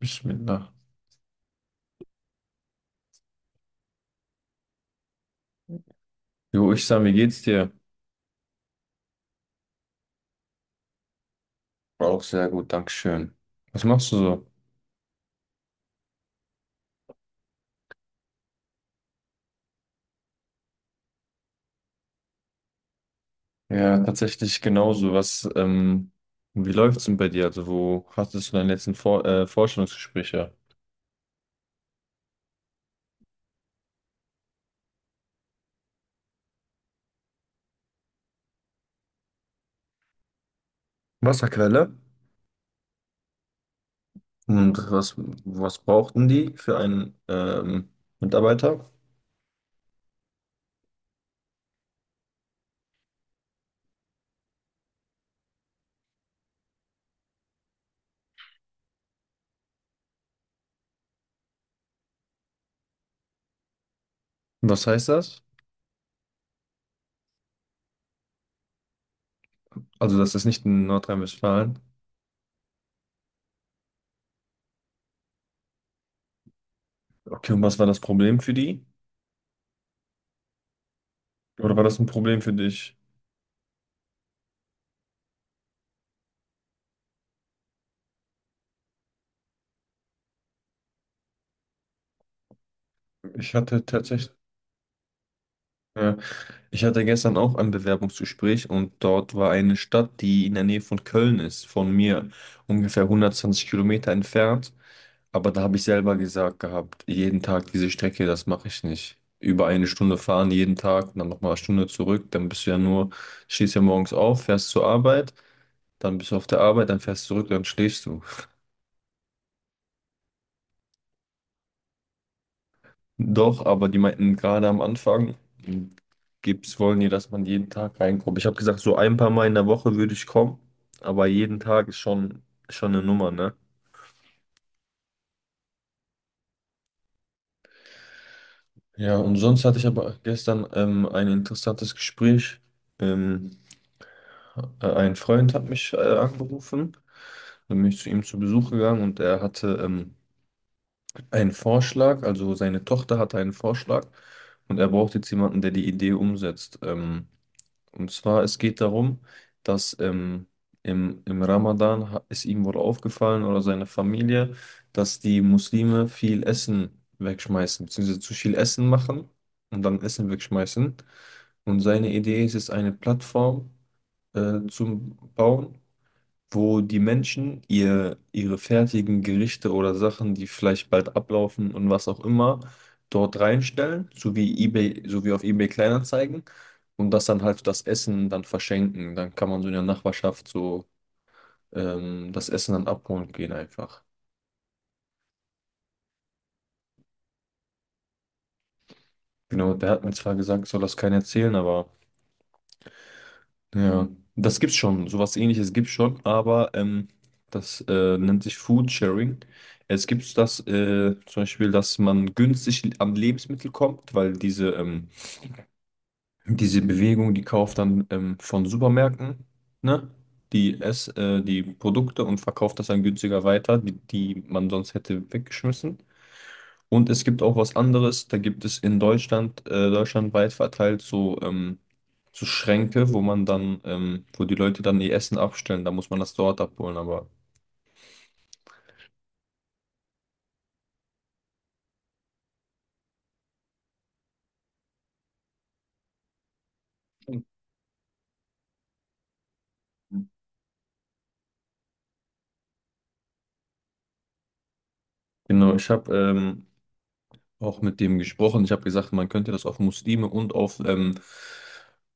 Bismillah. Jo, ich sag, wie geht's dir? Auch sehr gut, Dankeschön. Was machst du so? Ja, tatsächlich genauso. Was, wie läuft's denn bei dir? Also, wo hattest du deine letzten Vorstellungsgespräche? Wasserquelle. Und was brauchten die für einen Mitarbeiter? Was heißt das? Also, das ist nicht in Nordrhein-Westfalen. Okay, und was war das Problem für die? Oder war das ein Problem für dich? Ich hatte tatsächlich. Ja. Ich hatte gestern auch ein Bewerbungsgespräch und dort war eine Stadt, die in der Nähe von Köln ist, von mir ungefähr 120 Kilometer entfernt. Aber da habe ich selber gesagt gehabt, jeden Tag diese Strecke, das mache ich nicht. Über eine Stunde fahren jeden Tag und dann nochmal eine Stunde zurück, dann bist du ja nur, stehst ja morgens auf, fährst zur Arbeit, dann bist du auf der Arbeit, dann fährst du zurück, dann schläfst du. Doch, aber die meinten gerade am Anfang, gibt's, wollen die, dass man jeden Tag reinkommt. Ich habe gesagt, so ein paar Mal in der Woche würde ich kommen, aber jeden Tag ist schon eine Nummer, ne? Ja, und sonst hatte ich aber gestern ein interessantes Gespräch. Ähm, ein Freund hat mich angerufen, dann bin ich zu ihm zu Besuch gegangen und er hatte einen Vorschlag, also seine Tochter hatte einen Vorschlag und er braucht jetzt jemanden, der die Idee umsetzt. Und zwar, es geht darum, dass im Ramadan ist ihm wohl aufgefallen oder seine Familie, dass die Muslime viel Essen wegschmeißen, beziehungsweise zu viel Essen machen und dann Essen wegschmeißen. Und seine Idee ist es, eine Plattform zu bauen, wo die Menschen ihre fertigen Gerichte oder Sachen, die vielleicht bald ablaufen und was auch immer, dort reinstellen, so wie eBay, so wie auf eBay Kleinanzeigen und das dann halt das Essen dann verschenken. Dann kann man so in der Nachbarschaft so das Essen dann abholen gehen einfach. Genau, der hat mir zwar gesagt, ich soll das keinen erzählen, aber. Ja, das gibt's schon, sowas ähnliches gibt's schon, aber das nennt sich Food Sharing. Es gibt das zum Beispiel, dass man günstig an Lebensmittel kommt, weil diese Bewegung, die kauft dann von Supermärkten, ne? Die Produkte und verkauft das dann günstiger weiter, die man sonst hätte weggeschmissen. Und es gibt auch was anderes, da gibt es in Deutschland, deutschlandweit verteilt so, so Schränke, wo die Leute dann ihr Essen abstellen, da muss man das dort abholen. Aber genau, ich habe auch mit dem gesprochen, ich habe gesagt, man könnte das auf Muslime und auf ähm,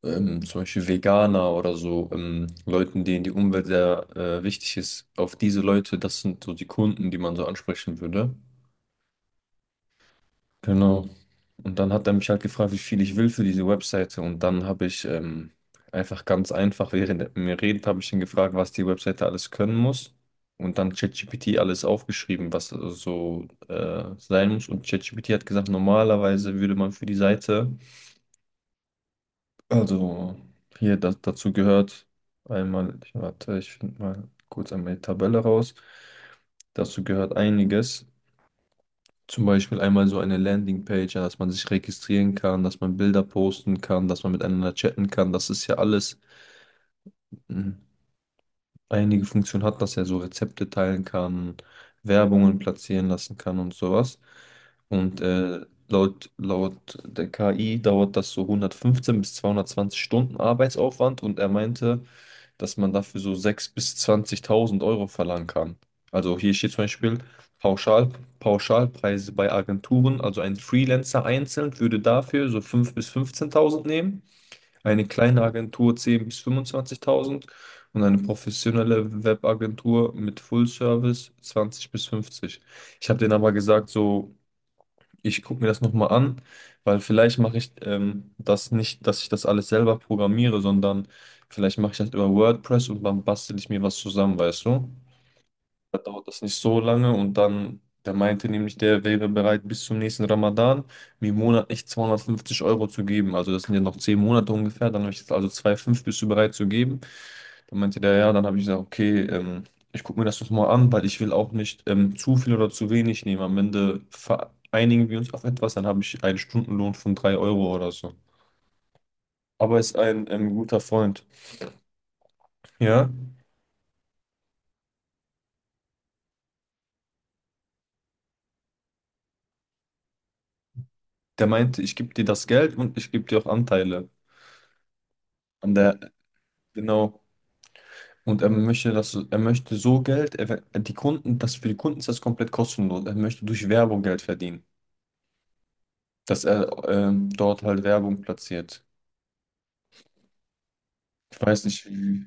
ähm, zum Beispiel Veganer oder so, Leuten, denen die Umwelt sehr wichtig ist, auf diese Leute, das sind so die Kunden, die man so ansprechen würde. Genau. Und dann hat er mich halt gefragt, wie viel ich will für diese Webseite. Und dann habe ich einfach ganz einfach, während er mit mir redet, habe ich ihn gefragt, was die Webseite alles können muss. Und dann ChatGPT alles aufgeschrieben, was so sein muss. Und ChatGPT hat gesagt, normalerweise würde man für die Seite, also hier das, dazu gehört, einmal, ich, warte, ich finde mal kurz einmal die Tabelle raus. Dazu gehört einiges. Zum Beispiel einmal so eine Landingpage, ja, dass man sich registrieren kann, dass man Bilder posten kann, dass man miteinander chatten kann. Das ist ja alles, mh, einige Funktionen hat, dass er so Rezepte teilen kann, Werbungen platzieren lassen kann und sowas. Und laut der KI dauert das so 115 bis 220 Stunden Arbeitsaufwand. Und er meinte, dass man dafür so 6.000 bis 20.000 Euro verlangen kann. Also hier steht zum Beispiel Pauschal, Pauschalpreise bei Agenturen, also ein Freelancer einzeln würde dafür so 5.000 bis 15.000 nehmen, eine kleine Agentur 10.000 bis 25.000 und eine professionelle Webagentur mit Full Service 20 bis 50. Ich habe denen aber gesagt, so ich gucke mir das nochmal an, weil vielleicht mache ich das nicht, dass ich das alles selber programmiere, sondern vielleicht mache ich das über WordPress und dann bastel ich mir was zusammen, weißt du? Da dauert das nicht so lange und dann, der meinte nämlich, der wäre bereit, bis zum nächsten Ramadan mir monatlich 250 Euro zu geben. Also das sind ja noch 10 Monate ungefähr, dann habe ich jetzt also 2,5 bist du bereit zu geben. Dann meinte der, ja, dann habe ich gesagt, okay, ich gucke mir das doch mal an, weil ich will auch nicht zu viel oder zu wenig nehmen. Am Ende vereinigen wir uns auf etwas, dann habe ich einen Stundenlohn von 3 Euro oder so. Aber ist ein guter Freund, ja, der meinte, ich gebe dir das Geld und ich gebe dir auch Anteile an der, genau. Und er möchte das, er möchte so Geld, er, die Kunden, das für die Kunden ist das komplett kostenlos. Er möchte durch Werbung Geld verdienen, dass er dort halt Werbung platziert. Ich weiß nicht, wie,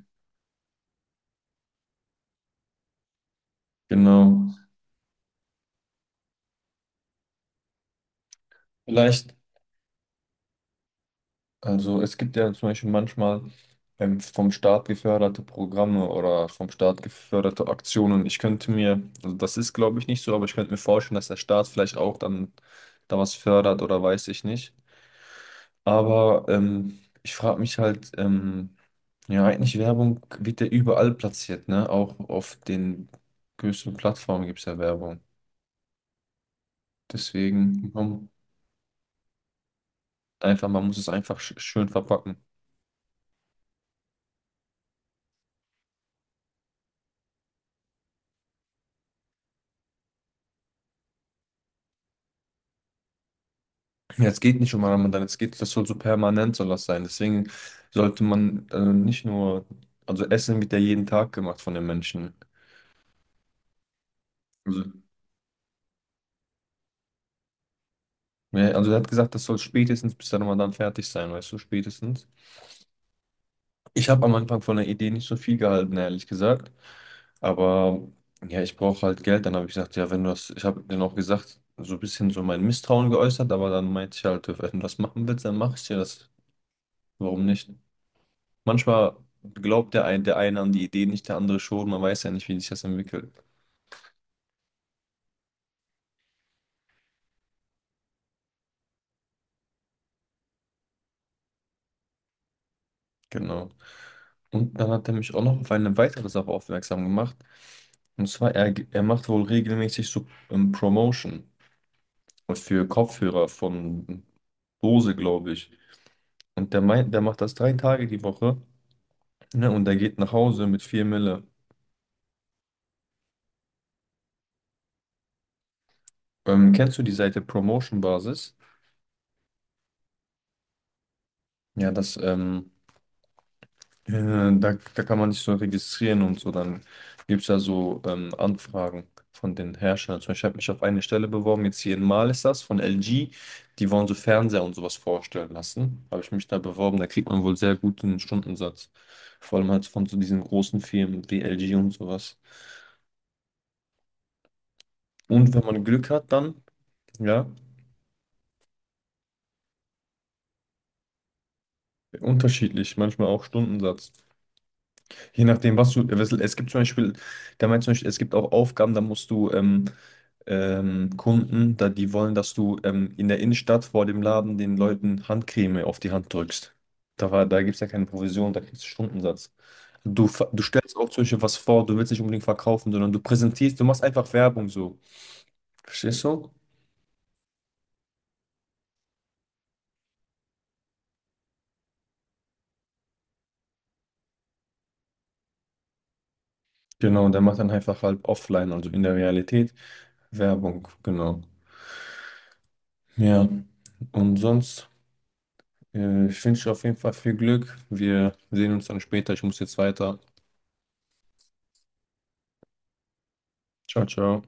genau. Vielleicht, also es gibt ja zum Beispiel manchmal vom Staat geförderte Programme oder vom Staat geförderte Aktionen. Ich könnte mir, also das ist glaube ich nicht so, aber ich könnte mir vorstellen, dass der Staat vielleicht auch dann da was fördert oder weiß ich nicht. Aber ich frage mich halt, ja, eigentlich Werbung wird ja überall platziert, ne? Auch auf den größten Plattformen gibt es ja Werbung. Deswegen, einfach, man muss es einfach schön verpacken. Ja, es geht nicht um Ramadan, es geht, das soll so permanent soll das sein. Deswegen sollte man also nicht nur, also Essen wird ja jeden Tag gemacht von den Menschen. Also, ja, also er hat gesagt, das soll spätestens bis der Ramadan fertig sein, weißt du, spätestens. Ich habe am Anfang von der Idee nicht so viel gehalten, ehrlich gesagt. Aber ja, ich brauche halt Geld. Dann habe ich gesagt, ja, wenn du das, ich habe dann auch gesagt, so ein bisschen so mein Misstrauen geäußert, aber dann meinte ich halt, wenn du das machen willst, dann mache ich dir das. Warum nicht? Manchmal glaubt der eine an die Idee nicht, der andere schon. Man weiß ja nicht, wie sich das entwickelt. Genau. Und dann hat er mich auch noch auf eine weitere Sache aufmerksam gemacht. Und zwar, er macht wohl regelmäßig so Promotion für Kopfhörer von Bose, glaube ich. Und der meint, der macht das 3 Tage die Woche, ne? Und der geht nach Hause mit 4 Mille. Kennst du die Seite Promotion Basis? Ja, das Äh, da kann man sich so registrieren und so. Dann gibt es ja so Anfragen von den Herstellern. Zum Beispiel, ich habe mich auf eine Stelle beworben, jetzt hier in Mal ist das, von LG. Die wollen so Fernseher und sowas vorstellen lassen. Habe ich mich da beworben, da kriegt man wohl sehr guten Stundensatz. Vor allem halt von so diesen großen Firmen wie LG und sowas. Und wenn man Glück hat, dann, ja, unterschiedlich, manchmal auch Stundensatz. Je nachdem, was du, es gibt zum Beispiel, der meint zum Beispiel, es gibt auch Aufgaben, da musst du Kunden, da die wollen, dass du in der Innenstadt vor dem Laden den Leuten Handcreme auf die Hand drückst. Da war, da gibt es ja keine Provision, da kriegst du Stundensatz. Du, du stellst auch zum Beispiel was vor, du willst nicht unbedingt verkaufen, sondern du präsentierst, du machst einfach Werbung so. Verstehst du? Genau, und der macht dann einfach halt offline, also in der Realität Werbung, genau. Ja, und sonst, ich wünsche dir auf jeden Fall viel Glück. Wir sehen uns dann später. Ich muss jetzt weiter. Ciao, ciao.